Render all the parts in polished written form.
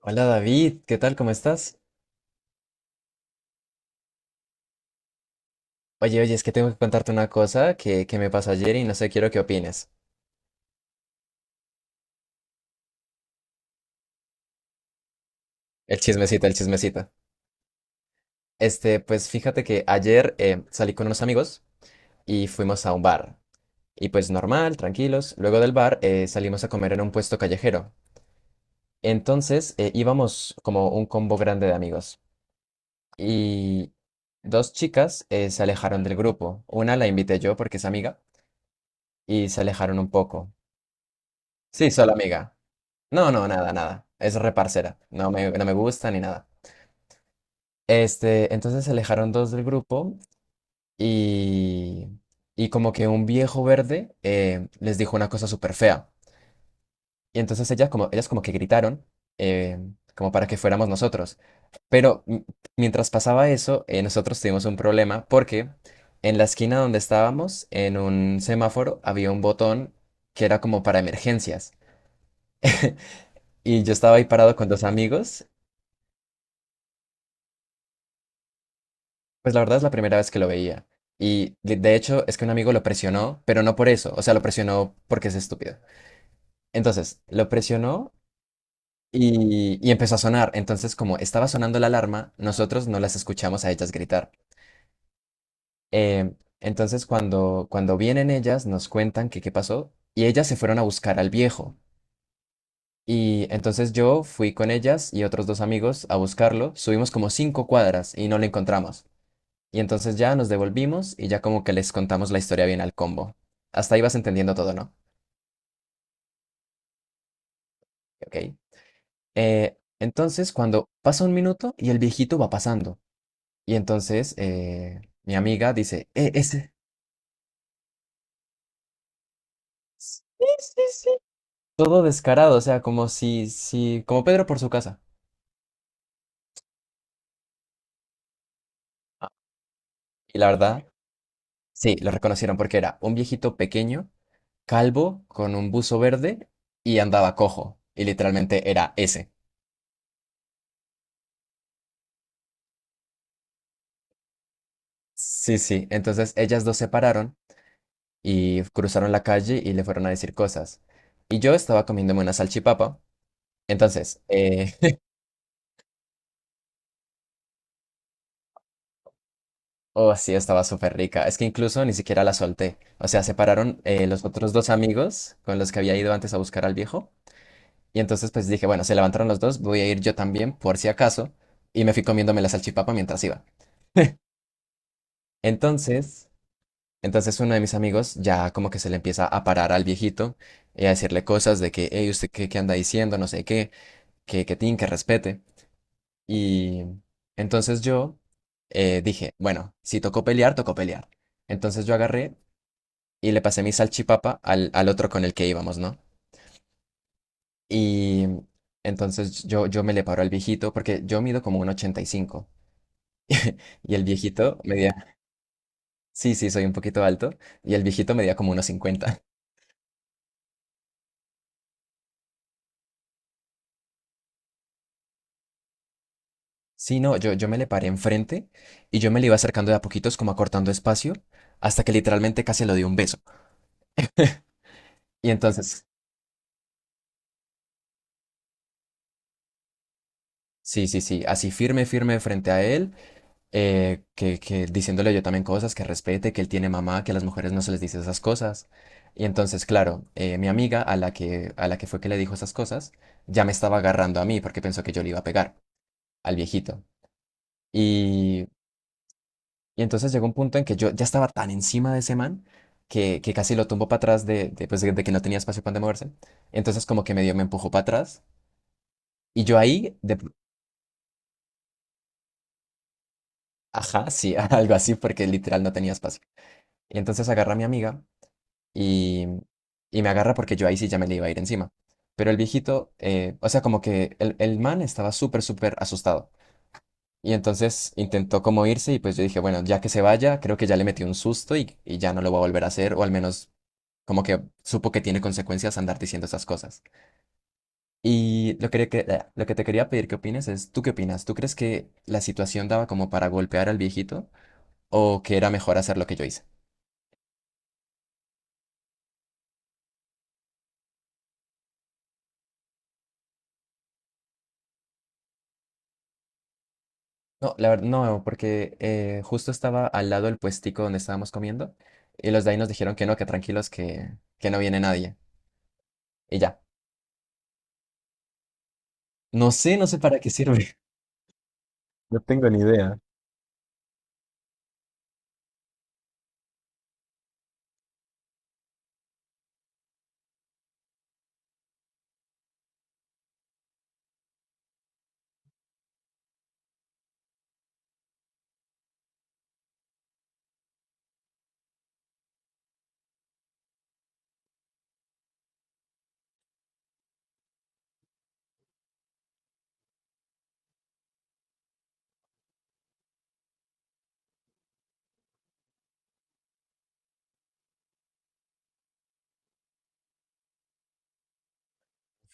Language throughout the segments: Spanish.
Hola David, ¿qué tal? ¿Cómo estás? Oye, oye, es que tengo que contarte una cosa que me pasó ayer y no sé, quiero que opines. El chismecito, el chismecito. Este, pues fíjate que ayer salí con unos amigos y fuimos a un bar. Y pues normal, tranquilos. Luego del bar salimos a comer en un puesto callejero. Entonces íbamos como un combo grande de amigos. Y dos chicas se alejaron del grupo. Una la invité yo porque es amiga y se alejaron un poco. Sí, solo amiga. No, no, nada, nada. Es reparcera. No me gusta ni nada. Este, entonces se alejaron dos del grupo y, y como que un viejo verde les dijo una cosa súper fea. Y entonces ellas como que gritaron eh, como para que fuéramos nosotros. Pero mientras pasaba eso, nosotros tuvimos un problema porque en la esquina donde estábamos, en un semáforo, había un botón que era como para emergencias. Y yo estaba ahí parado con dos amigos. Pues la verdad es la primera vez que lo veía. Y de hecho es que un amigo lo presionó, pero no por eso. O sea, lo presionó porque es estúpido. Entonces, lo presionó y empezó a sonar. Entonces, como estaba sonando la alarma, nosotros no las escuchamos a ellas gritar. Eh, entonces, cuando vienen ellas, nos cuentan que qué pasó y ellas se fueron a buscar al viejo. Y entonces yo fui con ellas y otros dos amigos a buscarlo. Subimos como 5 cuadras y no lo encontramos. Y entonces ya nos devolvimos y ya como que les contamos la historia bien al combo. Hasta ahí vas entendiendo todo, ¿no? Ok. Entonces, cuando pasa un minuto y el viejito va pasando. Y entonces mi amiga dice, ese... Sí, sí, sí. Todo descarado, o sea, como si, como Pedro por su casa. Ah, y la verdad, sí, lo reconocieron porque era un viejito pequeño, calvo, con un buzo verde y andaba cojo. Y literalmente era ese. Sí, sí. Entonces ellas dos se pararon y cruzaron la calle y le fueron a decir cosas. Y yo estaba comiéndome una salchipapa. Entonces, oh, sí, estaba súper rica. Es que incluso ni siquiera la solté. O sea, separaron los otros dos amigos con los que había ido antes a buscar al viejo. Y entonces, pues dije, bueno, se levantaron los dos, voy a ir yo también, por si acaso. Y me fui comiéndome la salchipapa mientras iba. Entonces, entonces, uno de mis amigos ya como que se le empieza a parar al viejito y a decirle cosas de que, hey, ¿usted qué anda diciendo? No sé qué, que tin, que respete. Y entonces yo dije, bueno, si tocó pelear, tocó pelear. Entonces yo agarré y le pasé mi salchipapa al, al otro con el que íbamos, ¿no? Y entonces yo me le paro al viejito porque yo mido como un ochenta y cinco y el viejito medía, sí, sí, soy un poquito alto. Y el viejito medía como unos cincuenta. Sí, no, yo me le paré enfrente y yo me le iba acercando de a poquitos, como acortando espacio, hasta que literalmente casi le di un beso. Y entonces, sí, sí, sí, así firme, firme frente a él, que diciéndole yo también cosas, que respete, que él tiene mamá, que a las mujeres no se les dice esas cosas. Y entonces, claro, mi amiga a la que fue que le dijo esas cosas, ya me estaba agarrando a mí porque pensó que yo le iba a pegar al viejito. Y, y entonces llegó un punto en que yo ya estaba tan encima de ese man que casi lo tumbó para atrás pues, de que no tenía espacio para donde moverse. Entonces como que medio me empujó para atrás. Y yo ahí, ajá, sí, algo así, porque literal no tenía espacio. Y entonces agarra a mi amiga y, y me agarra porque yo ahí sí ya me le iba a ir encima. Pero el viejito, o sea, como que el man estaba súper, súper asustado. Y entonces intentó como irse y pues yo dije, bueno, ya que se vaya, creo que ya le metí un susto y ya no lo voy a volver a hacer, o al menos como que supo que tiene consecuencias andar diciendo esas cosas. Y lo que lo que te quería pedir que opines es, ¿tú qué opinas? ¿Tú crees que la situación daba como para golpear al viejito o que era mejor hacer lo que yo hice? No, la verdad, no, porque justo estaba al lado del puestico donde estábamos comiendo y los de ahí nos dijeron que no, que tranquilos, que no viene nadie. Y ya. No sé, no sé para qué sirve. No tengo ni idea.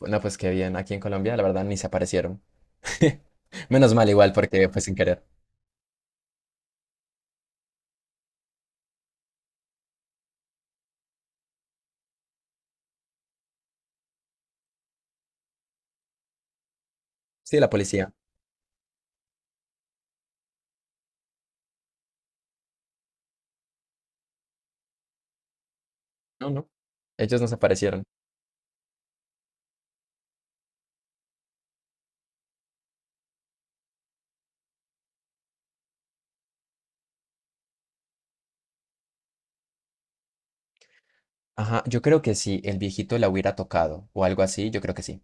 No, pues qué bien, aquí en Colombia la verdad ni se aparecieron. Menos mal igual porque fue sin querer. Sí, la policía. No, no. Ellos no se aparecieron. Ajá, yo creo que si el viejito la hubiera tocado o algo así, yo creo que sí.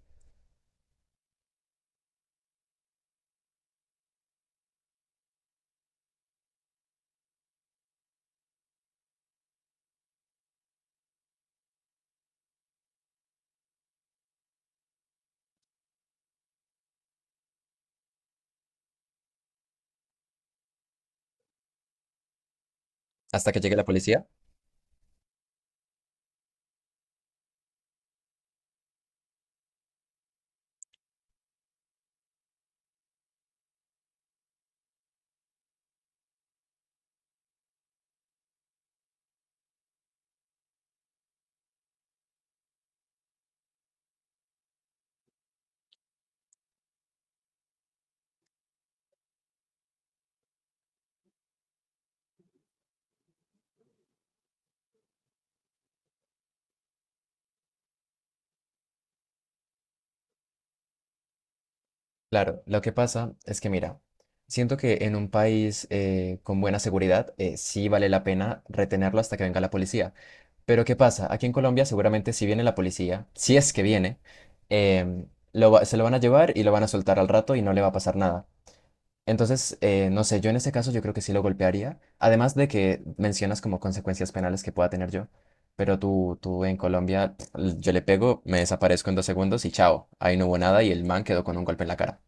Hasta que llegue la policía. Claro, lo que pasa es que mira, siento que en un país con buena seguridad sí vale la pena retenerlo hasta que venga la policía. Pero ¿qué pasa? Aquí en Colombia seguramente si viene la policía, si es que viene, em, se lo van a llevar y lo van a soltar al rato y no le va a pasar nada. Entonces, no sé, yo en ese caso yo creo que sí lo golpearía, además de que mencionas como consecuencias penales que pueda tener yo, pero tú en Colombia, yo le pego, me desaparezco en 2 segundos y chao, ahí no hubo nada y el man quedó con un golpe en la cara.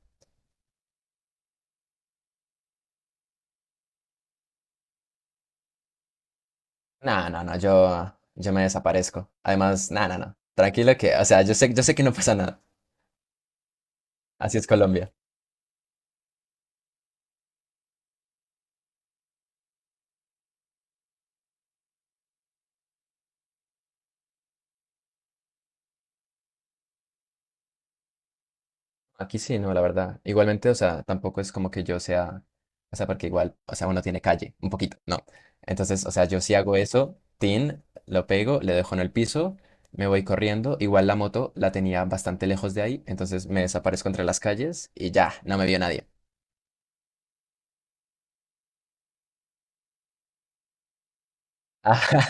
No, no, no, yo me desaparezco. Además, no, no, no, tranquilo que, o sea, yo sé que no pasa nada. Así es Colombia. Aquí sí, no, la verdad. Igualmente, o sea, tampoco es como que yo sea, o sea, porque igual, o sea, uno tiene calle, un poquito, ¿no? Entonces, o sea, yo sí hago eso, tin, lo pego, le dejo en el piso, me voy corriendo. Igual la moto la tenía bastante lejos de ahí, entonces me desaparezco entre las calles y ya, no me vio nadie. Ah,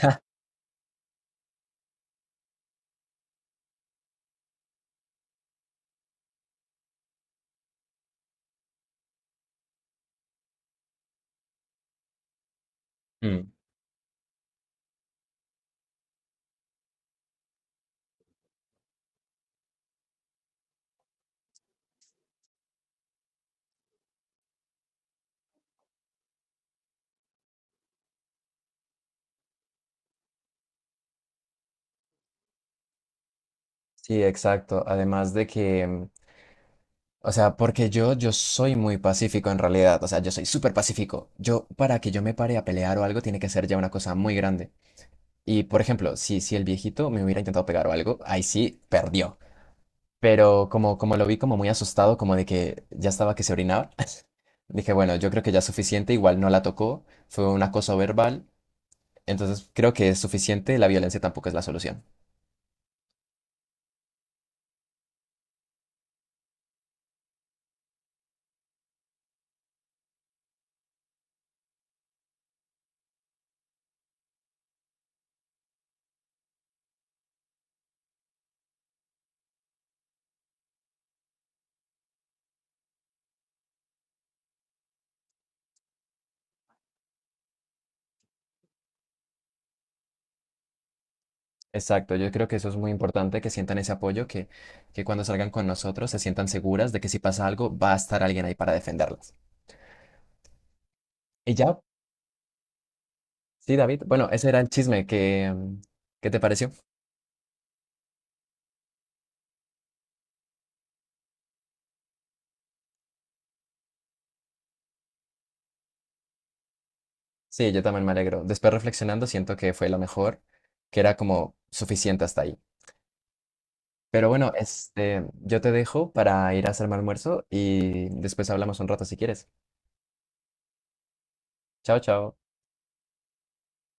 mm, sí, exacto. Además de que, o sea, porque yo soy muy pacífico en realidad, o sea, yo, soy súper pacífico. Yo, para que yo me pare a pelear o algo, tiene que ser ya una cosa muy grande. Y por ejemplo, si el viejito me hubiera intentado pegar o algo, ahí sí perdió. Pero como lo vi como muy asustado, como de que ya estaba que se orinaba, dije, bueno, yo creo que ya es suficiente, igual no la tocó, fue un acoso verbal, entonces creo que es suficiente, la violencia tampoco es la solución. Exacto, yo creo que eso es muy importante, que sientan ese apoyo, que cuando salgan con nosotros se sientan seguras de que si pasa algo va a estar alguien ahí para defenderlas. Y ya, sí, David, bueno, ese era el chisme que. ¿Qué te pareció? Sí, yo también me alegro. Después reflexionando, siento que fue lo mejor, que era como suficiente hasta ahí. Pero bueno, este, yo te dejo para ir a hacerme almuerzo y después hablamos un rato si quieres. Chao, chao.